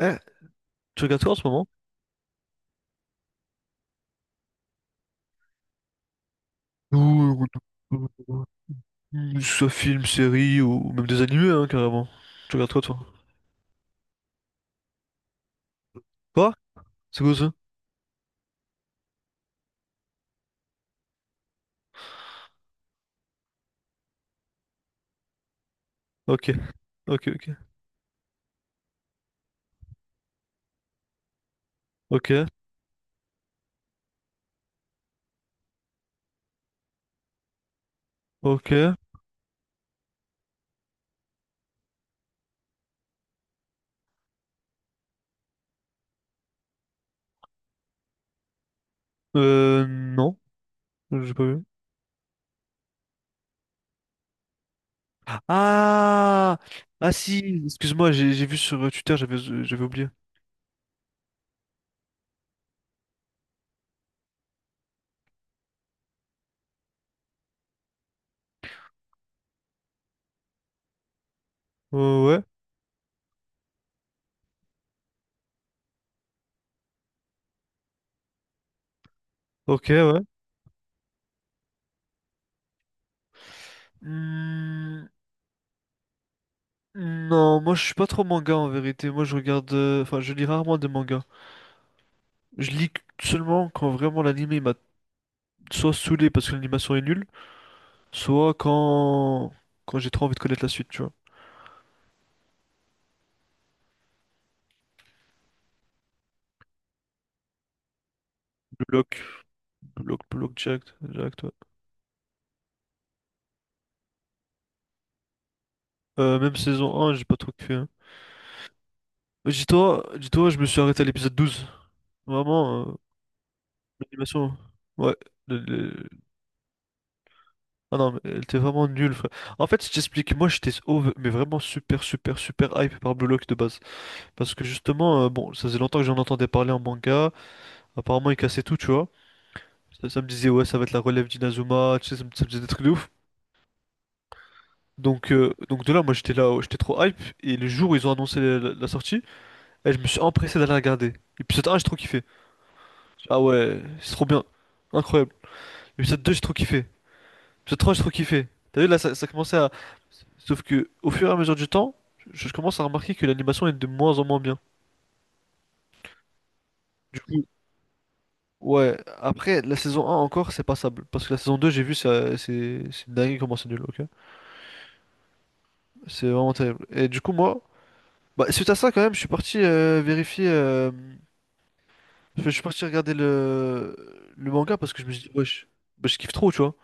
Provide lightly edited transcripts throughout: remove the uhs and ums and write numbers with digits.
Eh, tu regardes quoi en ce moment? Ou- ou- ou- Soit film, série ou même des animés hein, carrément. Tu regardes quoi toi? Quoi? C'est quoi ça? Ok, ok, ok. Ok, ok. Non, j'ai pas vu. Ah! Ah si, excuse-moi, j'ai vu sur Twitter, j'avais oublié. Ouais, ok, ouais. Hmm, non, moi je suis pas trop manga en vérité. Moi je regarde. Enfin, je lis rarement des mangas. Je lis seulement quand vraiment l'anime il m'a soit saoulé parce que l'animation est nulle. Soit quand j'ai trop envie de connaître la suite, tu vois. Blue Lock, Blue Lock, Blue Lock, Jack, Jack, toi. Même saison un j'ai pas trop kiffé, hein. Mais dis-toi, dis-toi, je me suis arrêté à l'épisode 12. Vraiment, l'animation. Ouais. le- le- Ah non, mais elle était vraiment nulle, frère. En fait, je t'explique, moi j'étais mais vraiment super, super, super hype par Blue Lock de base. Parce que justement, bon, ça faisait longtemps que j'en entendais parler en manga. Apparemment, il cassait tout, tu vois. Ça me disait, ouais, ça va être la relève d'Inazuma, tu sais, ça me disait des trucs de ouf. Donc de là, moi j'étais là, j'étais trop hype. Et le jour où ils ont annoncé la sortie, eh, je me suis empressé d'aller regarder. Épisode 1, j'ai trop kiffé. Ah ouais, c'est trop bien. Incroyable. Épisode 2 j'ai trop kiffé. Épisode 3 j'ai trop kiffé. T'as vu, là, ça commençait à. Sauf que, au fur et à mesure du temps, je commence à remarquer que l'animation est de moins en moins bien. Du coup, ouais, après, la saison un encore, c'est passable. Parce que la saison 2 j'ai vu, c'est dingue comment c'est nul, ok? C'est vraiment terrible. Et du coup, moi, bah, suite à ça, quand même, je suis parti vérifier. Je suis parti regarder le manga parce que je me suis dit, wesh, bah, je kiffe trop, tu vois.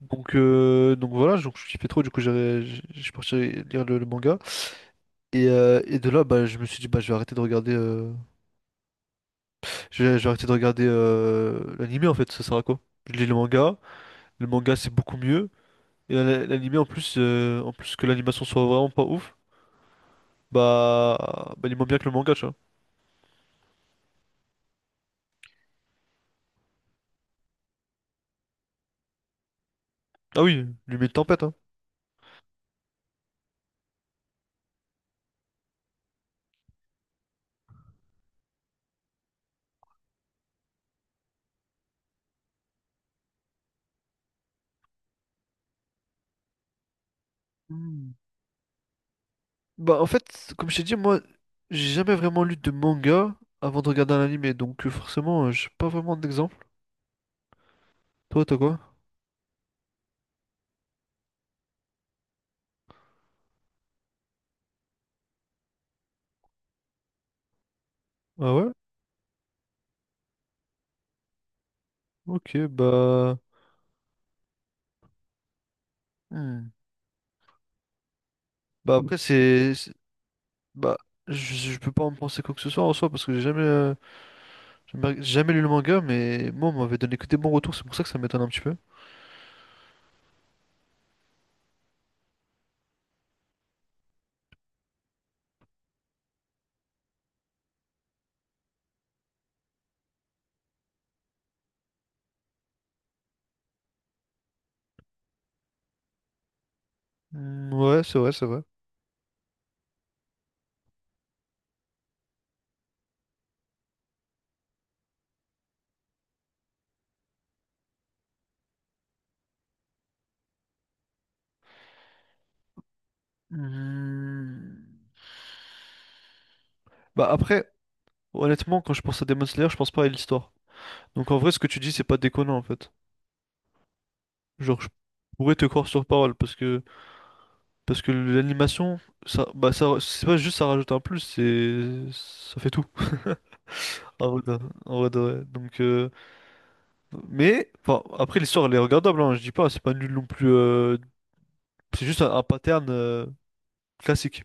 Donc voilà, donc je kiffais trop, du coup, je suis parti lire le manga. Et de là, bah, je me suis dit, bah, je vais arrêter de regarder, je vais arrêter de regarder l'anime en fait, ça sert à quoi? Je lis le manga c'est beaucoup mieux. Et l'anime en plus que l'animation soit vraiment pas ouf, bah il moins bien que le manga, tu vois. Ah oui, lui met une tempête, hein. Bah, en fait, comme je t'ai dit, moi, j'ai jamais vraiment lu de manga avant de regarder un anime, donc forcément, j'ai pas vraiment d'exemple. Toi, t'as quoi? Ah ouais? Ok, bah. Hmm. Bah, après, c'est. Bah, je peux pas en penser quoi que ce soit en soi, parce que j'ai jamais lu le manga, mais moi, on m'avait donné que des bons retours, c'est pour ça que ça m'étonne un petit peu. Hmm, ouais, c'est vrai, c'est vrai. Hmm. Bah, après, honnêtement, quand je pense à Demon Slayer, je pense pas à l'histoire. Donc, en vrai, ce que tu dis, c'est pas déconnant, en fait. Genre, je pourrais te croire sur parole parce que l'animation, ça, bah ça, c'est pas juste ça rajoute un plus, c'est ça fait tout. En vrai, en vrai de vrai. Donc, mais enfin, après l'histoire elle est regardable, hein, je dis pas, c'est pas nul non plus. C'est juste un pattern classique.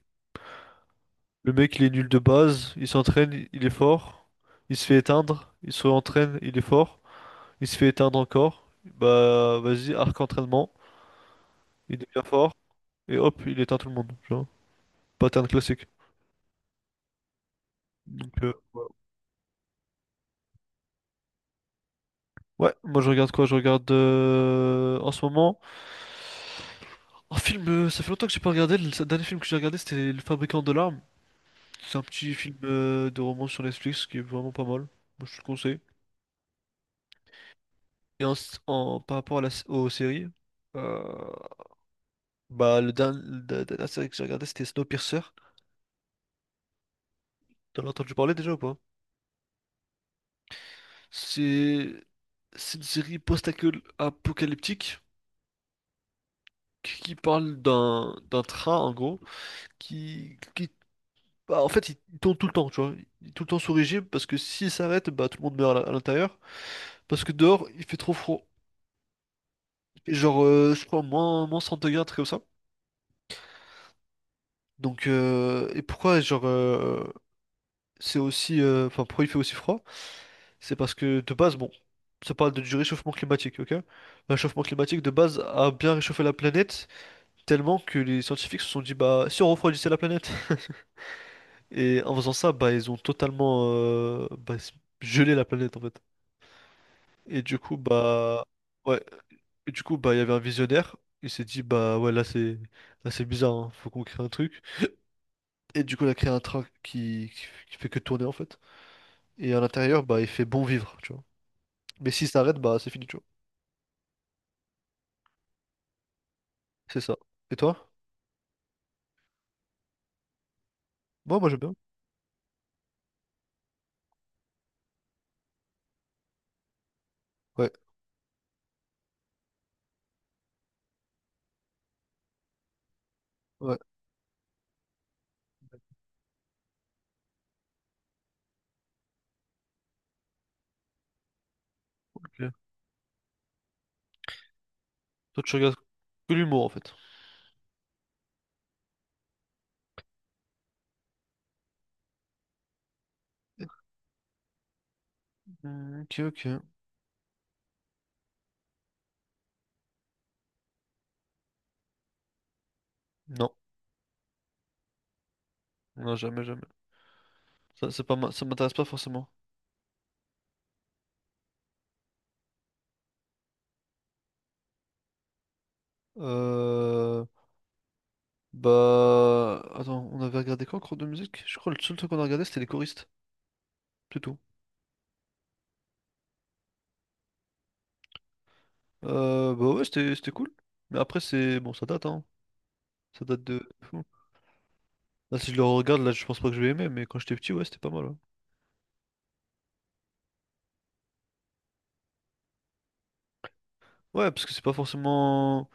Le mec il est nul de base, il s'entraîne, il est fort, il se fait éteindre, il se réentraîne, il est fort, il se fait éteindre encore. Bah vas-y, arc entraînement, il devient fort et hop, il éteint tout le monde. Pattern classique. Donc, ouais, moi je regarde quoi? Je regarde en ce moment un film. Ça fait longtemps que j'ai pas regardé. Le dernier film que j'ai regardé, c'était Le Fabricant de larmes. C'est un petit film de romance sur Netflix qui est vraiment pas mal. Moi, je te le conseille. Et par rapport à aux séries, euh, bah la dernière série que j'ai regardée, c'était Snowpiercer. T'en as entendu parler déjà ou pas? C'est c'est une série post-apocalyptique qui parle d'un train en gros qui, qui- bah, en fait, il tourne tout le temps, tu vois. Il est tout le temps sous régime parce que s'il s'arrête, bah, tout le monde meurt à l'intérieur. Parce que dehors, il fait trop froid. Et genre, je crois, moins 100 degrés, un truc comme ça. Donc, et pourquoi, genre, c'est aussi. Enfin, pourquoi il fait aussi froid? C'est parce que de base, bon, ça parle du réchauffement climatique, ok? Le réchauffement climatique de base a bien réchauffé la planète tellement que les scientifiques se sont dit, bah, si on refroidissait la planète. Et en faisant ça, bah, ils ont totalement bah, gelé la planète en fait. Et ouais, du coup, bah, il y avait un visionnaire. Il s'est dit, bah, ouais, là, c'est bizarre, hein, faut qu'on crée un truc. Et du coup, il a créé un train qui fait que tourner, en fait. Et à l'intérieur, bah, il fait bon vivre, tu vois. Mais s'il s'arrête, bah, c'est fini, tu vois. C'est ça. Et toi? Moi, moi, j'aime bien. Ouais, ouais. Ok. Toi, tu regardes que l'humour, en fait. Hmm, ok, ok. Non, non, jamais, jamais. Ça, c'est pas, ça m'intéresse pas forcément. Euh, bah, attends, on avait regardé quoi en cours de musique? Je crois que le seul truc qu'on a regardé, c'était Les Choristes. C'est tout. Bah, ouais, c'était cool. Mais après, c'est. Bon, ça date, hein. Ça date de fou. Là, si je le regarde, là, je pense pas que je vais aimer, mais quand j'étais petit, ouais, c'était pas mal. Ouais, ouais, parce que c'est pas forcément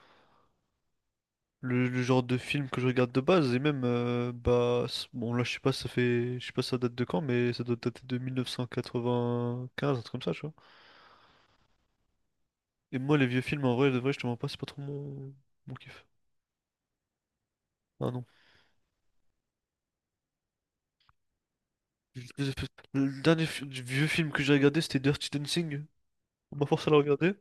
le genre de film que je regarde de base, et même, Bon, là, je sais pas, ça fait. Je sais pas si ça date de quand, mais ça doit dater de 1995, un truc comme ça, tu vois. Et moi, les vieux films, en vrai, de vrai, je te mens pas, c'est pas trop mon kiff. Ah non. Le le dernier vieux film que j'ai regardé, c'était Dirty Dancing. On m'a forcé à le regarder.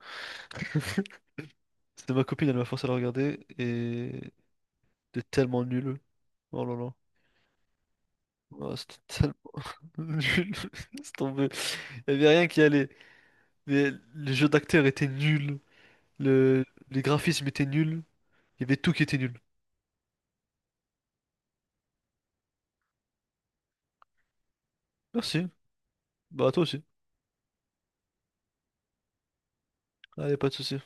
C'était ma copine, elle m'a forcé à la regarder et c'était tellement nul. Oh là là. Oh, c'était tellement nul. C'est tombé. Il n'y avait rien qui allait. Mais le jeu d'acteur était nul. Le... Les graphismes étaient nuls. Il y avait tout qui était nul. Merci. Bah, à toi aussi. Allez, pas de soucis.